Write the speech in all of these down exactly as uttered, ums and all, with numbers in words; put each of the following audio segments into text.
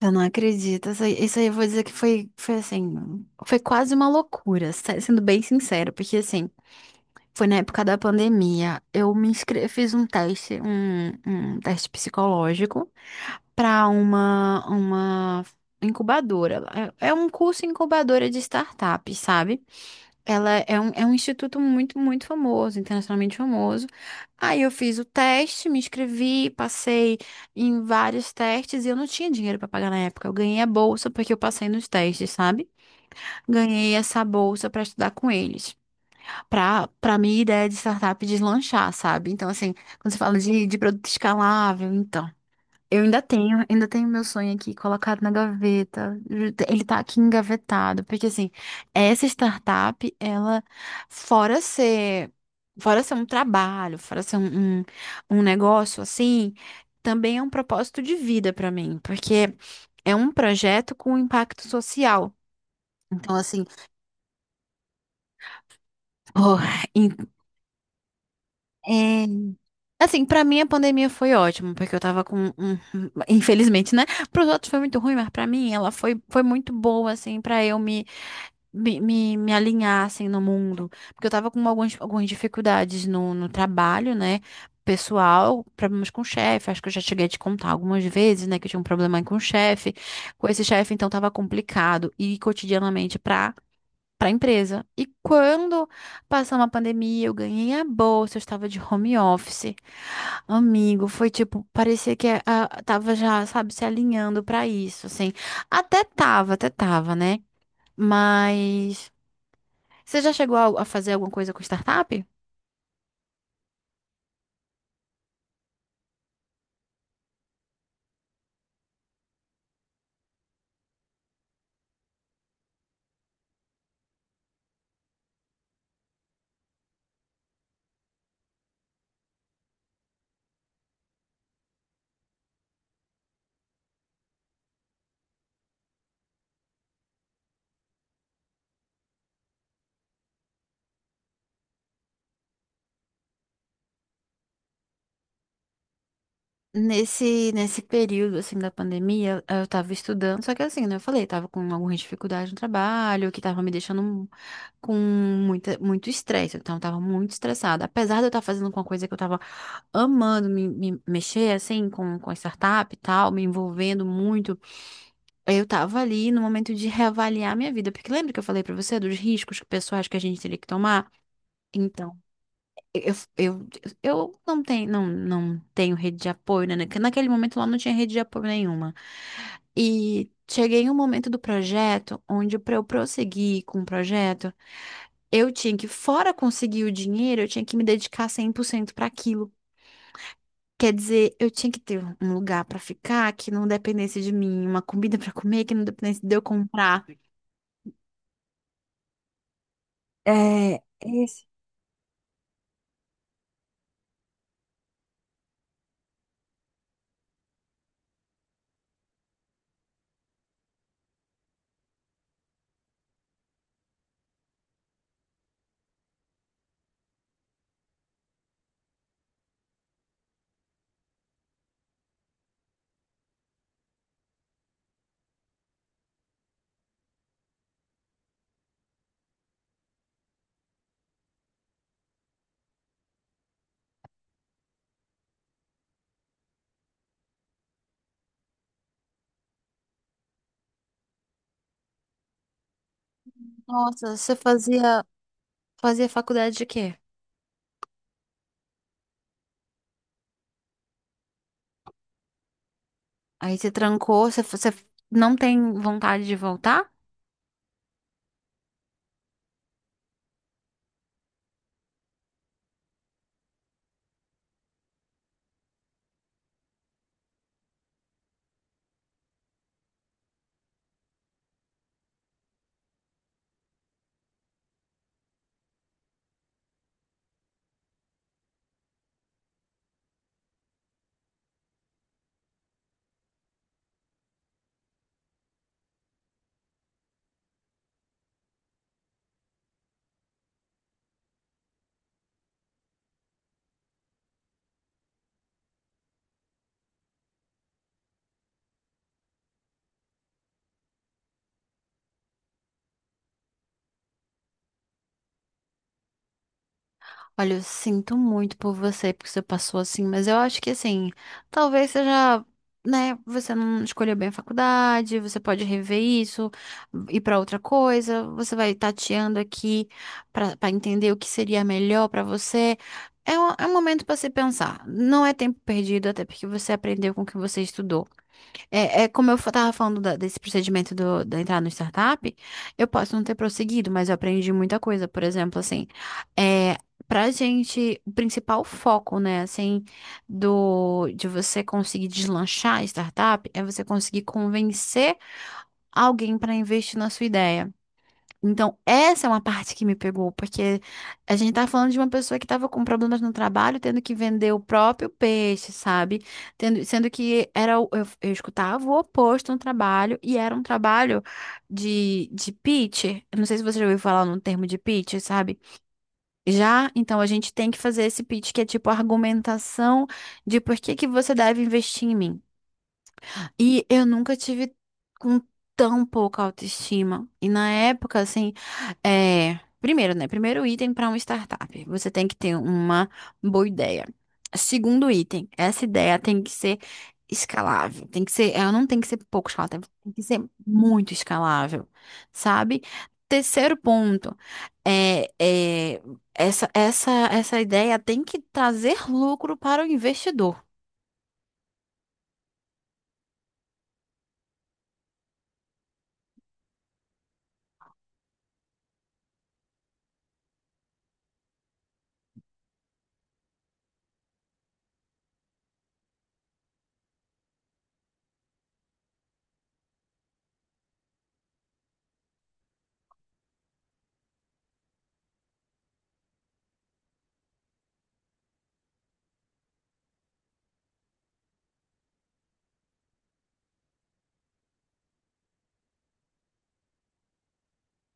Eu não acredito. Isso aí, isso aí eu vou dizer que foi, foi assim, foi quase uma loucura, se- sendo bem sincero, porque assim, foi na época da pandemia. Eu me inscrevi, fiz um teste, um, um teste psicológico para uma, uma incubadora. É é um curso incubadora de startup, sabe? Ela é um, é um instituto muito, muito famoso, internacionalmente famoso. Aí eu fiz o teste, me inscrevi, passei em vários testes e eu não tinha dinheiro para pagar na época. Eu ganhei a bolsa porque eu passei nos testes, sabe? Ganhei essa bolsa para estudar com eles, para para minha ideia de startup deslanchar, sabe? Então, assim, quando você fala de, de produto escalável, então. Eu ainda tenho, ainda tenho meu sonho aqui colocado na gaveta. Ele tá aqui engavetado, porque assim, essa startup, ela, fora ser, fora ser um trabalho, fora ser um, um, um negócio assim, também é um propósito de vida pra mim, porque é um projeto com impacto social. Então, assim, oh, Assim, pra mim a pandemia foi ótima, porque eu tava com, um- infelizmente, né? Pros outros foi muito ruim, mas pra mim ela foi, foi muito boa, assim, pra eu me, me, me, me alinhar, assim, no mundo. Porque eu tava com algumas, algumas dificuldades no, no trabalho, né? Pessoal, problemas com o chefe, acho que eu já cheguei a te contar algumas vezes, né? Que eu tinha um problema com o chefe, com esse chefe, então tava complicado. E cotidianamente, pra para a empresa. E quando passou uma pandemia, eu ganhei a bolsa, eu estava de home office. Amigo, foi tipo, parecia que eh, ah, tava já, sabe, se alinhando para isso, assim. Até tava, até tava, né? Mas você já chegou a a fazer alguma coisa com startup? Nesse, nesse período, assim, da pandemia, eu tava estudando, só que assim, né, eu falei, tava com algumas dificuldades no trabalho, que tava me deixando com muita, muito estresse, então eu tava muito estressada. Apesar de eu estar fazendo uma coisa que eu tava amando, me, me mexer, assim, com, com a startup e tal, me envolvendo muito, eu tava ali no momento de reavaliar minha vida, porque lembra que eu falei pra você dos riscos pessoais que a gente teria que tomar? Então, eu, eu, eu não tenho, não, não tenho rede de apoio, né? Naque- Naquele momento lá não tinha rede de apoio nenhuma. E cheguei em um momento do projeto onde, para eu prosseguir com o projeto, eu tinha que, fora conseguir o dinheiro, eu tinha que me dedicar cem por cento para aquilo. Quer dizer, eu tinha que ter um lugar para ficar que não dependesse de mim, uma comida para comer que não dependesse de eu comprar. É, esse. Nossa, você fazia, fazia faculdade de quê? Aí você trancou, você, você não tem vontade de voltar? Olha, eu sinto muito por você, porque você passou assim, mas eu acho que assim, talvez seja, né, você não escolheu bem a faculdade, você pode rever isso, ir pra outra coisa, você vai tateando aqui pra pra entender o que seria melhor pra você. É um, é um momento pra se pensar. Não é tempo perdido, até porque você aprendeu com o que você estudou. É, é como eu estava falando da- desse procedimento do, da entrada no startup, eu posso não ter prosseguido, mas eu aprendi muita coisa. Por exemplo, assim, é, pra gente, o principal foco, né, assim, do, de você conseguir deslanchar a startup é você conseguir convencer alguém para investir na sua ideia. Então, essa é uma parte que me pegou, porque a gente tá falando de uma pessoa que estava com problemas no trabalho, tendo que vender o próprio peixe, sabe? Tendo, sendo que era, o- eu, eu escutava o oposto no trabalho, e era um trabalho de, de pitch. Eu não sei se você já ouviu falar no termo de pitch, sabe? Já, então a gente tem que fazer esse pitch que é tipo argumentação de por que que você deve investir em mim. E eu nunca tive com tão pouca autoestima. E na época, assim, é... primeiro, né? Primeiro item para uma startup, você tem que ter uma boa ideia. Segundo item, essa ideia tem que ser escalável, tem que ser, ela não tem que ser pouco escalável, tem que ser muito escalável, sabe? Terceiro ponto, é, é, essa, essa, essa ideia tem que trazer lucro para o investidor.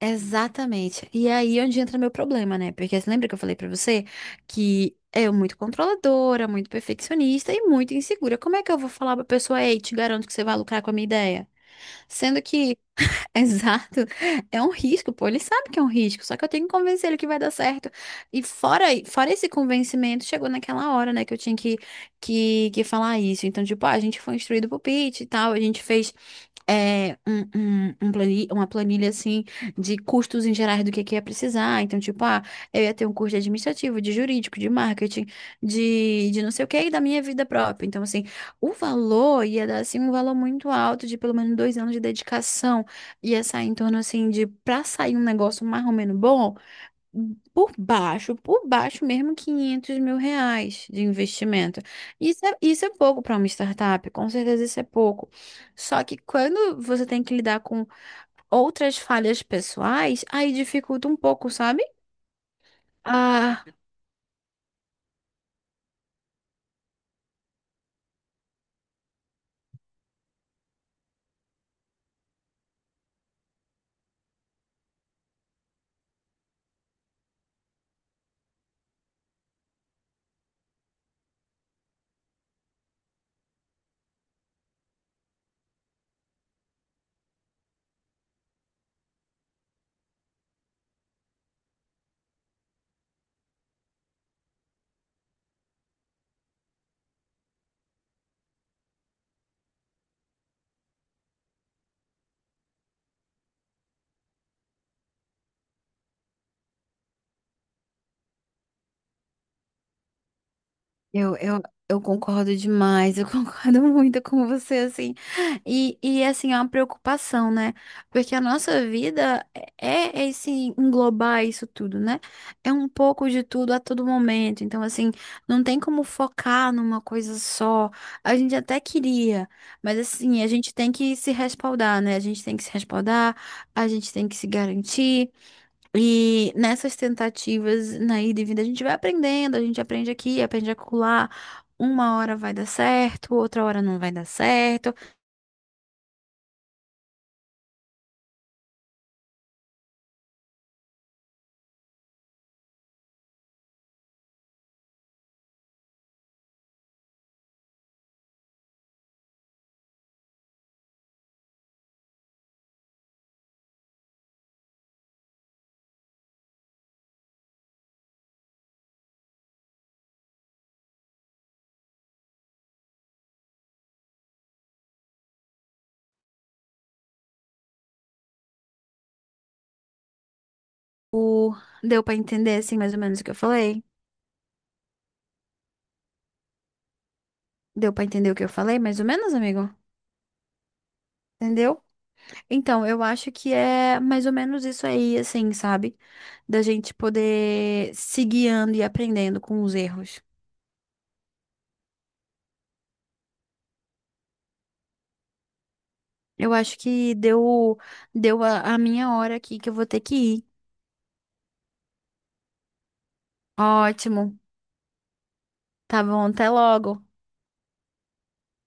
Exatamente. E é aí é onde entra meu problema, né? Porque você lembra que eu falei pra você que é muito controladora, muito perfeccionista e muito insegura. Como é que eu vou falar pra pessoa, ei, te garanto que você vai lucrar com a minha ideia? Sendo que Exato. É um risco, pô. Ele sabe que é um risco, só que eu tenho que convencer ele que vai dar certo. E fora, fora esse convencimento, chegou naquela hora, né, que eu tinha que, que, que falar isso. Então, tipo, ah, a gente foi instruído pro pitch e tal, a gente fez é, um, um, um plani- uma planilha, assim, de custos em gerais do que que ia precisar. Então, tipo, ah, eu ia ter um curso de administrativo, de jurídico, de marketing, de, de não sei o que e da minha vida própria. Então, assim, o valor ia dar, assim, um valor muito alto de pelo menos dois anos de dedicação. Ia sair em torno assim de pra sair um negócio mais ou menos bom, por baixo, por baixo mesmo, quinhentos mil reais de investimento. Isso é, isso é pouco para uma startup, com certeza isso é pouco. Só que quando você tem que lidar com outras falhas pessoais, aí dificulta um pouco, sabe? Ah, Eu, eu, eu concordo demais, eu concordo muito com você, assim. E, e assim, é uma preocupação, né? Porque a nossa vida é é esse englobar isso tudo, né? É um pouco de tudo a todo momento. Então, assim, não tem como focar numa coisa só. A gente até queria, mas assim, a gente tem que se respaldar, né? A gente tem que se respaldar, a gente tem que se garantir. E nessas tentativas, na ida e vinda, a gente vai aprendendo, a gente aprende aqui, aprende acolá. Uma hora vai dar certo, outra hora não vai dar certo. O... Deu pra entender, assim, mais ou menos o que eu falei? Deu pra entender o que eu falei, mais ou menos, amigo? Entendeu? Então, eu acho que é mais ou menos isso aí, assim, sabe? Da gente poder se guiando e aprendendo com os erros. Eu acho que deu, deu a a minha hora aqui que eu vou ter que ir. Ótimo. Tá bom, até logo.